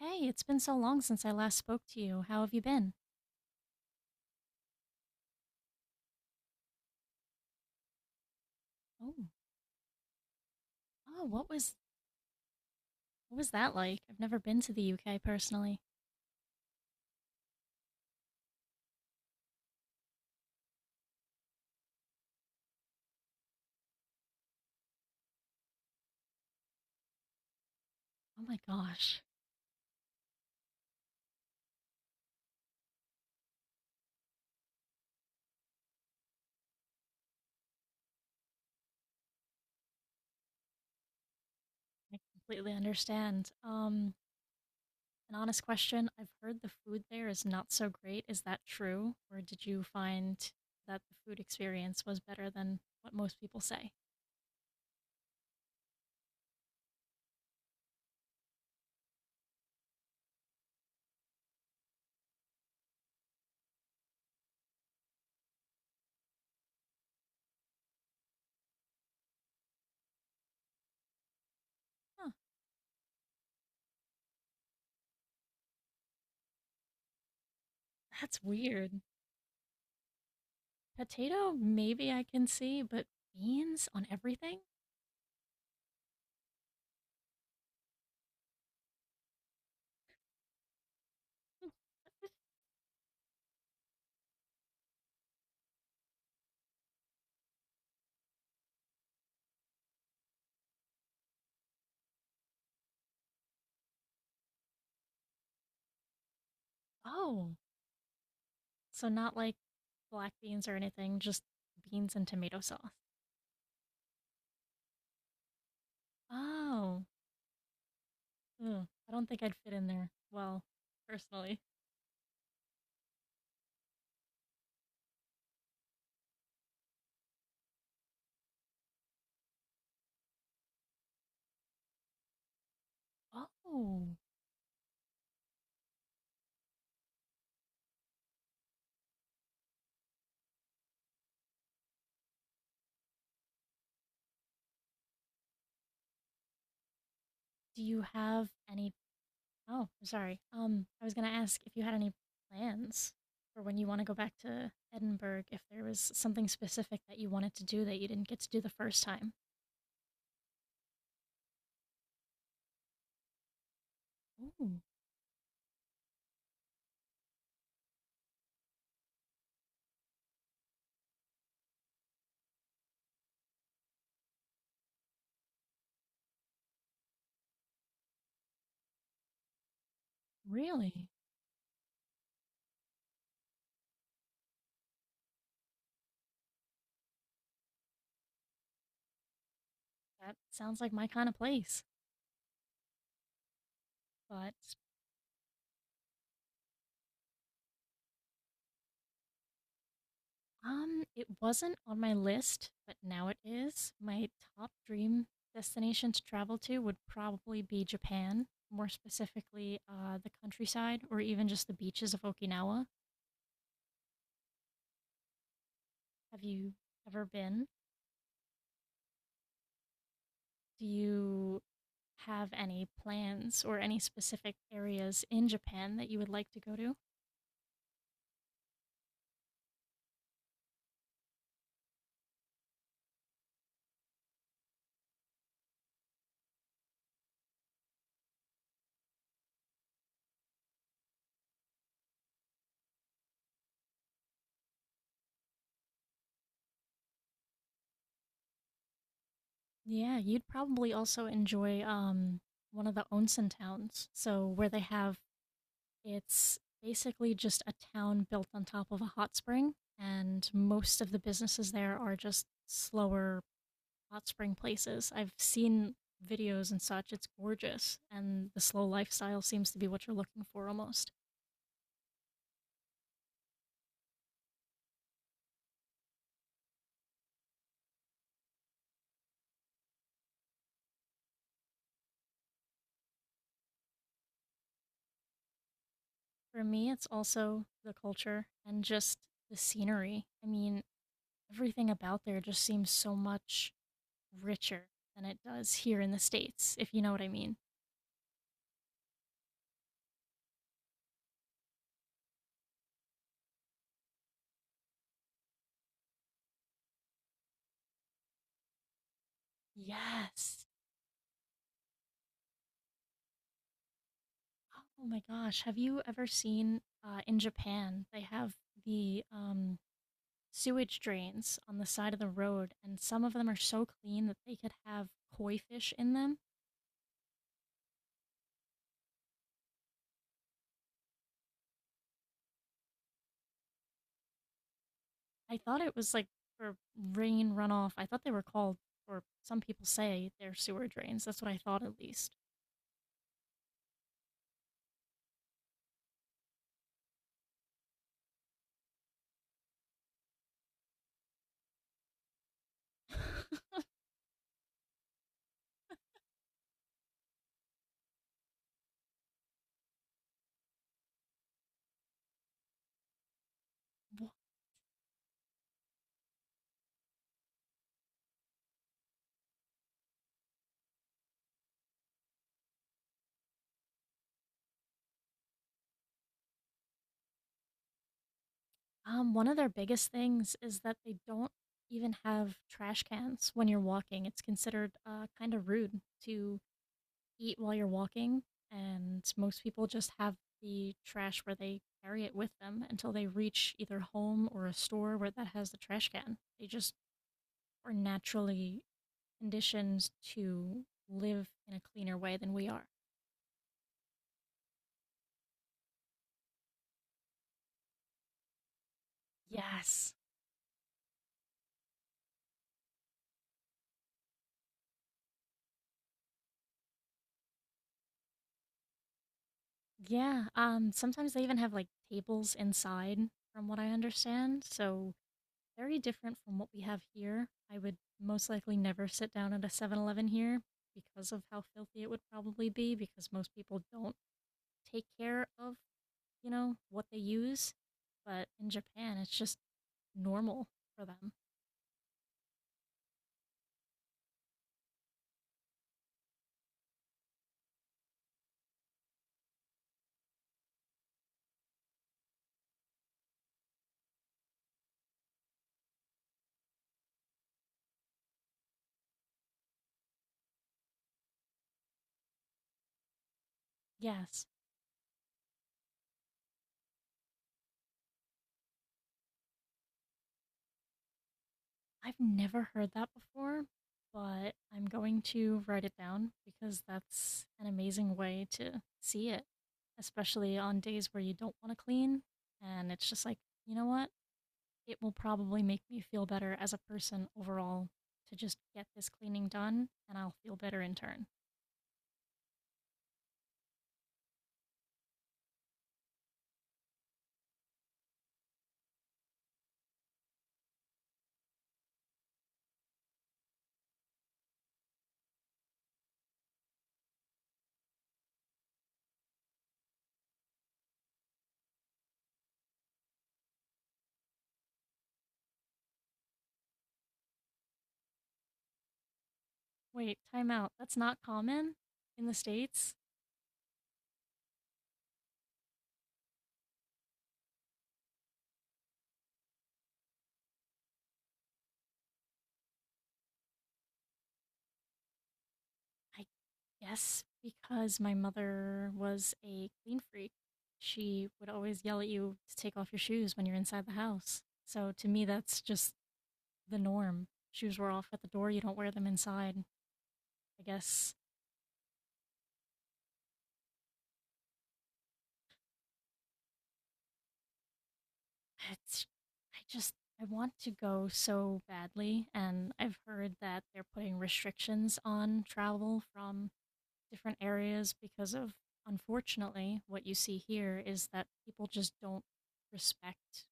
Hey, it's been so long since I last spoke to you. How have you been? Oh, oh, what was that like? I've never been to the UK personally. Oh my gosh. I completely understand. An honest question. I've heard the food there is not so great. Is that true? Or did you find that the food experience was better than what most people say? Huh, that's weird. Potato, maybe I can see, but beans on everything? Oh, so not like black beans or anything, just beans and tomato sauce. Oh, ugh, I don't think I'd fit in there well, personally. Oh, do you have any? Oh, I'm sorry. I was gonna ask if you had any plans for when you want to go back to Edinburgh, if there was something specific that you wanted to do that you didn't get to do the first time. Ooh. Really? That sounds like my kind of place. But it wasn't on my list, but now it is. My top dream destination to travel to would probably be Japan, more specifically the countryside or even just the beaches of Okinawa. Have you ever been? Do you have any plans or any specific areas in Japan that you would like to go to? Yeah, you'd probably also enjoy one of the onsen towns. So where they have it's basically just a town built on top of a hot spring, and most of the businesses there are just slower hot spring places. I've seen videos and such. It's gorgeous, and the slow lifestyle seems to be what you're looking for almost. For me, it's also the culture and just the scenery. I mean, everything about there just seems so much richer than it does here in the States, if you know what I mean. Yes. Oh my gosh, have you ever seen in Japan they have the sewage drains on the side of the road, and some of them are so clean that they could have koi fish in them? I thought it was like for rain runoff. I thought they were called, or some people say they're sewer drains. That's what I thought at least. Wh- one of their biggest things is that they don't even have trash cans when you're walking. It's considered kind of rude to eat while you're walking, and most people just have the trash where they carry it with them until they reach either home or a store where that has the trash can. They just are naturally conditioned to live in a cleaner way than we are. Yes. Yeah. Sometimes they even have like tables inside from what I understand. So very different from what we have here. I would most likely never sit down at a 7-Eleven here because of how filthy it would probably be because most people don't take care of, you know, what they use. But in Japan, it's just normal for them. Yes, I've never heard that before, but I'm going to write it down because that's an amazing way to see it, especially on days where you don't want to clean. And it's just like, you know what? It will probably make me feel better as a person overall to just get this cleaning done, and I'll feel better in turn. Wait, time out. That's not common in the States? I guess because my mother was a clean freak, she would always yell at you to take off your shoes when you're inside the house. So to me, that's just the norm. Shoes were off at the door, you don't wear them inside. I guess it's, I just, I want to go so badly. And I've heard that they're putting restrictions on travel from different areas because of, unfortunately, what you see here is that people just don't respect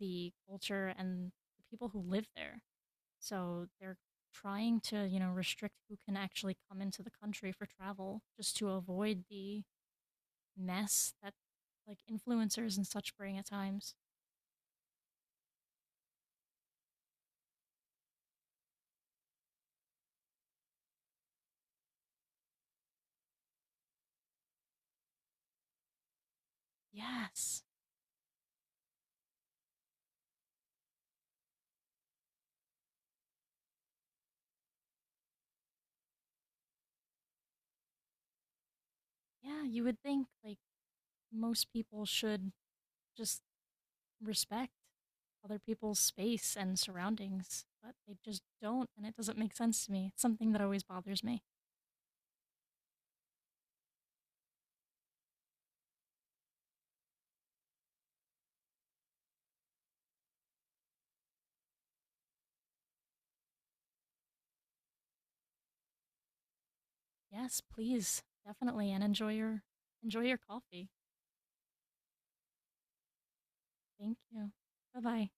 the culture and the people who live there. So they're trying to, you know, restrict who can actually come into the country for travel just to avoid the mess that like influencers and such bring at times. Yes. Yeah, you would think like most people should just respect other people's space and surroundings, but they just don't and it doesn't make sense to me. It's something that always bothers me. Yes, please. Definitely and enjoy your coffee. Thank you. Bye bye.